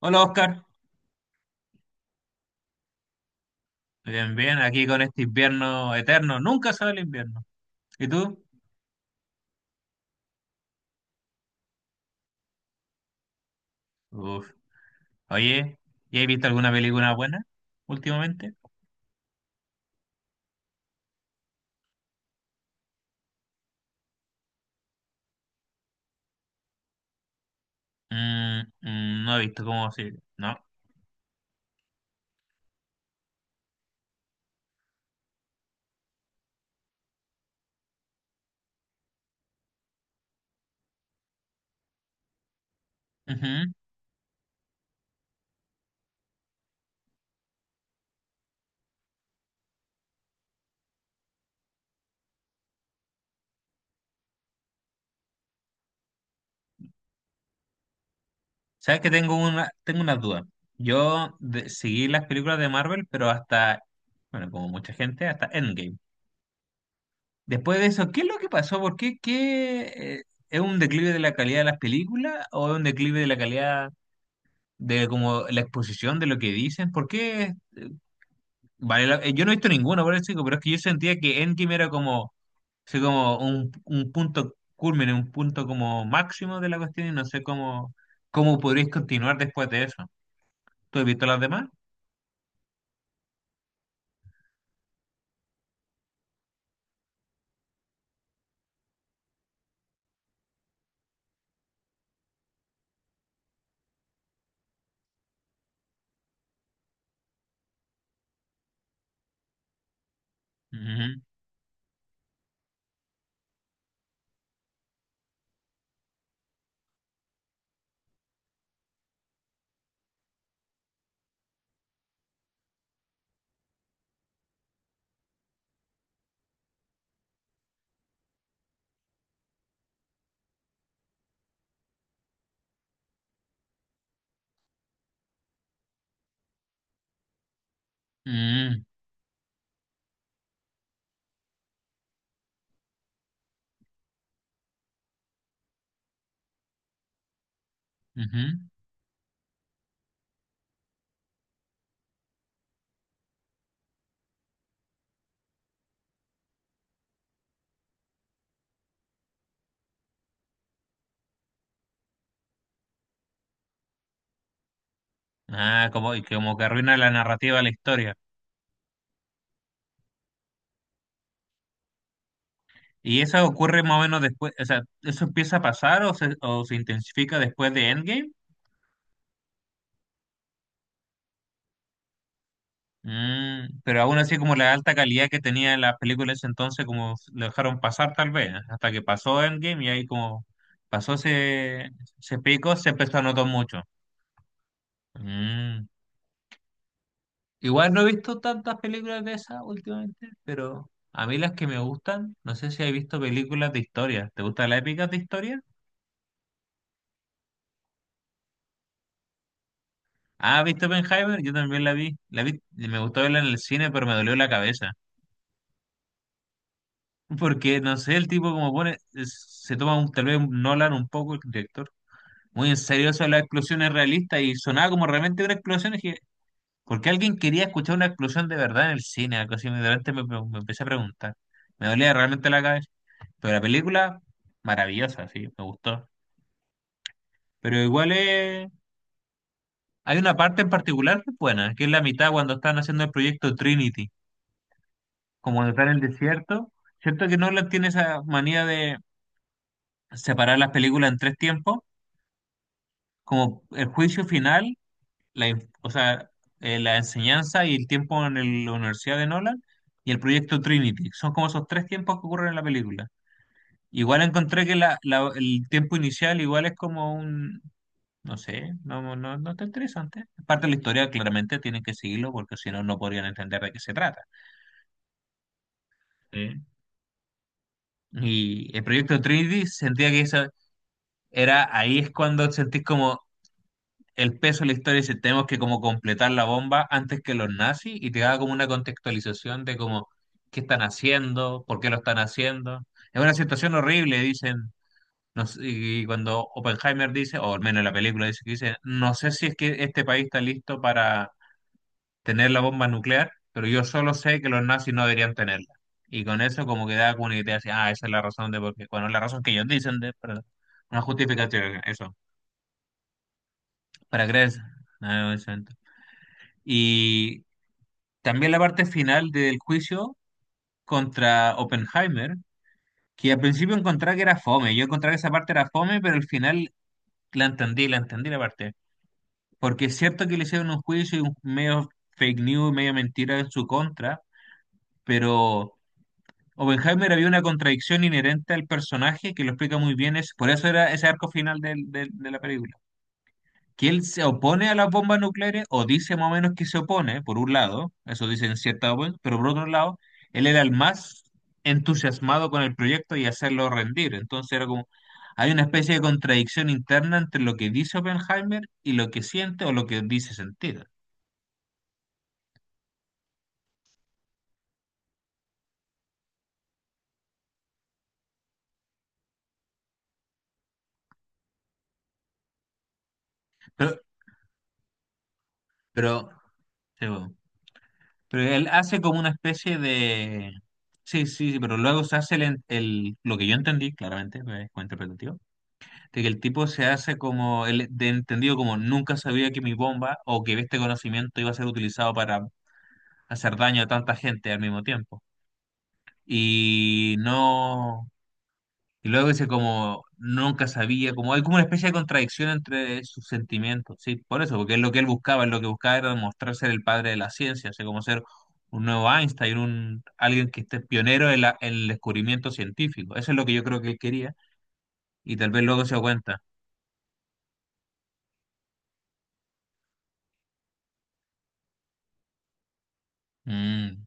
Hola Oscar, bien, bien, aquí con este invierno eterno, nunca sale el invierno. ¿Y tú? Uf, oye, ¿y has visto alguna película buena últimamente? Mm, mm, no he visto cómo si, no. Ujú. Sabes que tengo unas dudas. Seguí las películas de Marvel, pero hasta, bueno, como mucha gente, hasta Endgame. Después de eso, ¿qué es lo que pasó? ¿Por qué? Eh, ¿Es un declive de la calidad de las películas o es un declive de la calidad de como la exposición de lo que dicen? ¿Por qué? Vale, yo no he visto ninguna, por eso digo, pero es que yo sentía que Endgame era como, así como un punto culmen, un punto como máximo de la cuestión y no sé cómo, cómo podréis continuar después de eso. ¿Tú has visto las demás? Ujú, mm, ujú. Ah, como, y como que arruina la narrativa de la historia. ¿Y eso ocurre más o menos después, o sea, eso empieza a pasar o o se intensifica después de Endgame? Mm, pero aún así como la alta calidad que tenía las películas ese entonces como lo dejaron pasar tal vez, ¿eh? Hasta que pasó Endgame y ahí como pasó ese, ese pico se empezó a notar mucho. Mm. Igual no he visto tantas películas de esas últimamente, pero a mí las que me gustan, no sé si has visto películas de historia. ¿Te gustan las épicas de historia? Ah, ¿viste Oppenheimer? Yo también la vi. La vi, y me gustó verla en el cine, pero me dolió la cabeza. Porque, no sé, el tipo como pone, es- se toma tal vez un Nolan un poco, el director muy en serio eso de las explosiones realistas y sonaba como realmente una explosión. Y dije, ¿por qué alguien quería escuchar una explosión de verdad en el cine? Algo así, de repente me empecé a preguntar. Me dolía realmente la cabeza. Pero la película, maravillosa, sí, me gustó. Pero igual hay una parte en particular que es buena, que es la mitad cuando están haciendo el proyecto Trinity, como cuando están en el desierto. Cierto que Nolan tiene esa manía de separar las películas en tres tiempos, como el juicio final o sea, la enseñanza y el tiempo en la Universidad de Nolan y el proyecto Trinity. Son como esos tres tiempos que ocurren en la película. Igual encontré que el tiempo inicial igual es como un, no sé, no está interesante. Parte de la historia claramente tienen que seguirlo porque si no, no podrían entender de qué se trata. ¿Sí? Y el proyecto Trinity sentía que eso era, ahí es cuando sentís como, el peso de la historia dice, tenemos que como completar la bomba antes que los nazis y te da como una contextualización de como qué están haciendo, por qué lo están haciendo. Es una situación horrible, dicen, no sé, y cuando Oppenheimer dice, o al menos en la película dice que dice, no sé si es que este país está listo para tener la bomba nuclear, pero yo solo sé que los nazis no deberían tenerla. Y con eso como que da como una idea así, ah, esa es la razón de por qué, bueno, la razón que ellos dicen de, perdón, una justificación, eso, para creer. Ah, exacto. Y también la parte final del juicio contra Oppenheimer, que al principio encontraba que era fome. Yo encontraba que esa parte era fome, pero al final la entendí la parte. Porque es cierto que le hicieron un juicio y un medio fake news, medio mentira en su contra, pero Oppenheimer había una contradicción inherente al personaje que lo explica muy bien. Es, por eso era ese arco final de la película. Que él se opone a las bombas nucleares o dice más o menos que se opone, por un lado, eso dice en cierta web, pero por otro lado, él era el más entusiasmado con el proyecto y hacerlo rendir. Entonces era como, hay una especie de contradicción interna entre lo que dice Oppenheimer y lo que siente o lo que dice sentir. Pero, pero, sí, bueno, pero él hace como una especie de... Sí, sí, sí, pero luego se hace lo que yo entendí, claramente, es interpretativo de que el tipo se hace como el de entendido como nunca sabía que mi bomba o que este conocimiento iba a ser utilizado para hacer daño a tanta gente al mismo tiempo. Y no, y luego dice como nunca sabía, como hay como una especie de contradicción entre sus sentimientos, sí, por eso, porque es lo que él buscaba, lo que buscaba era demostrar ser el padre de la ciencia, o sea, como ser un nuevo Einstein, un alguien que esté pionero en, en el descubrimiento científico. Eso es lo que yo creo que él quería y tal vez luego se dio cuenta. Mm.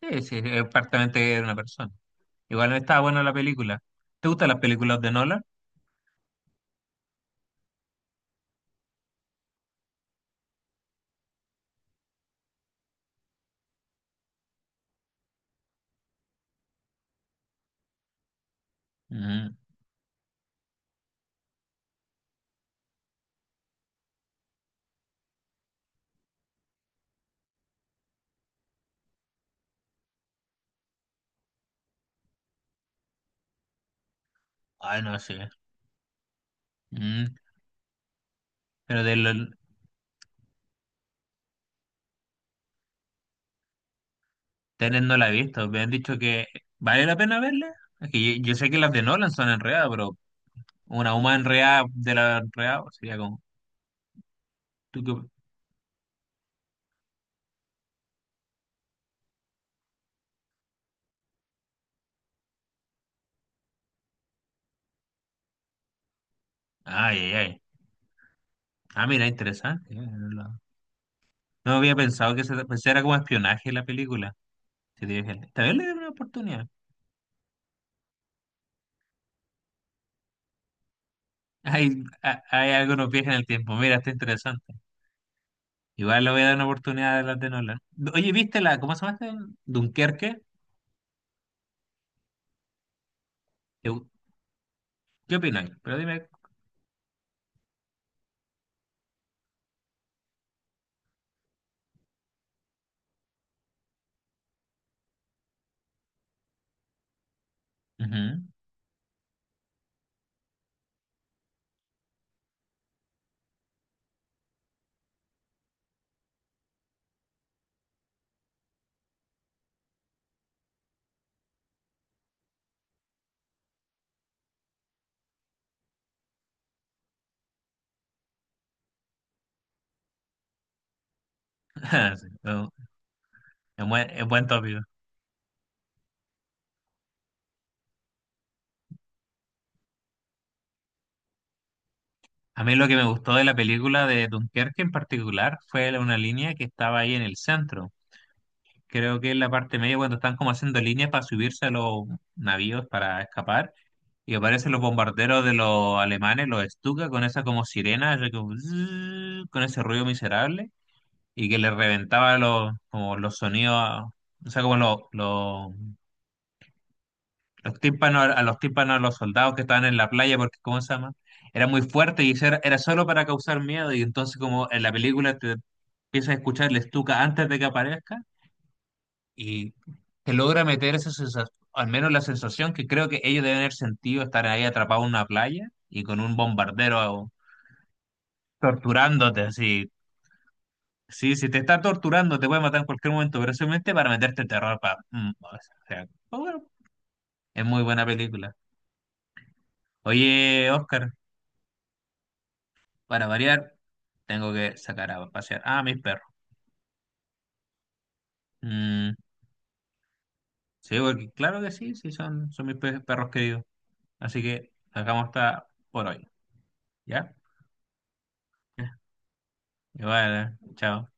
Sí, sí, es prácticamente de una persona. Igual estaba buena la película. ¿Te gustan las películas de Nolan? Mm, ay, no sé. Mm, pero Tenet no la he visto. Me han dicho que vale la pena verla. Es que yo sé que las de Nolan son enredadas, pero una humana enredada de la enredada pues, sería como... ¿Tú qué- ay, ay, ay. Ah, mira, interesante. No había pensado que se, pues era como espionaje la película. Sí, dije, esta vez le doy una oportunidad. Hay, hay algo nos viaja en el tiempo. Mira, está interesante. Igual le voy a dar una oportunidad a las de Nolan. Oye, ¿viste la, cómo se llama este? Dunkerque. ¿Qué, ¿qué opináis? Pero dime. Ujú. Sí, no, es buen tópico. A mí lo que me gustó de la película de Dunkerque en particular fue una línea que estaba ahí en el centro. Creo que en la parte media, cuando están como haciendo líneas para subirse a los navíos para escapar, y aparecen los bombarderos de los alemanes, los Stuka, con esa como sirena, así como zzzz, con ese ruido miserable. Y que le reventaba los, como los sonidos, a- o sea, como los tímpanos, a los tímpanos, a los soldados que estaban en la playa, porque, ¿cómo se llama? Era muy fuerte y eso era, era solo para causar miedo y entonces como en la película te empiezas a escuchar el estuca antes de que aparezca y te logra meter esa sensación, al menos la sensación que creo que ellos deben haber sentido estar ahí atrapados en una playa y con un bombardero torturándote así. Sí, si te está torturando, te puede matar en cualquier momento, pero simplemente para meterte terror. Pa... mm, o sea, pues bueno, es muy buena película. Oye, Oscar, para variar, tengo que sacar a pasear a mis perros. Mm, sí, porque claro que sí, sí, son mis perros queridos. Así que sacamos esta por hoy. ¿Ya? Ya, igual, ¿eh? Chao.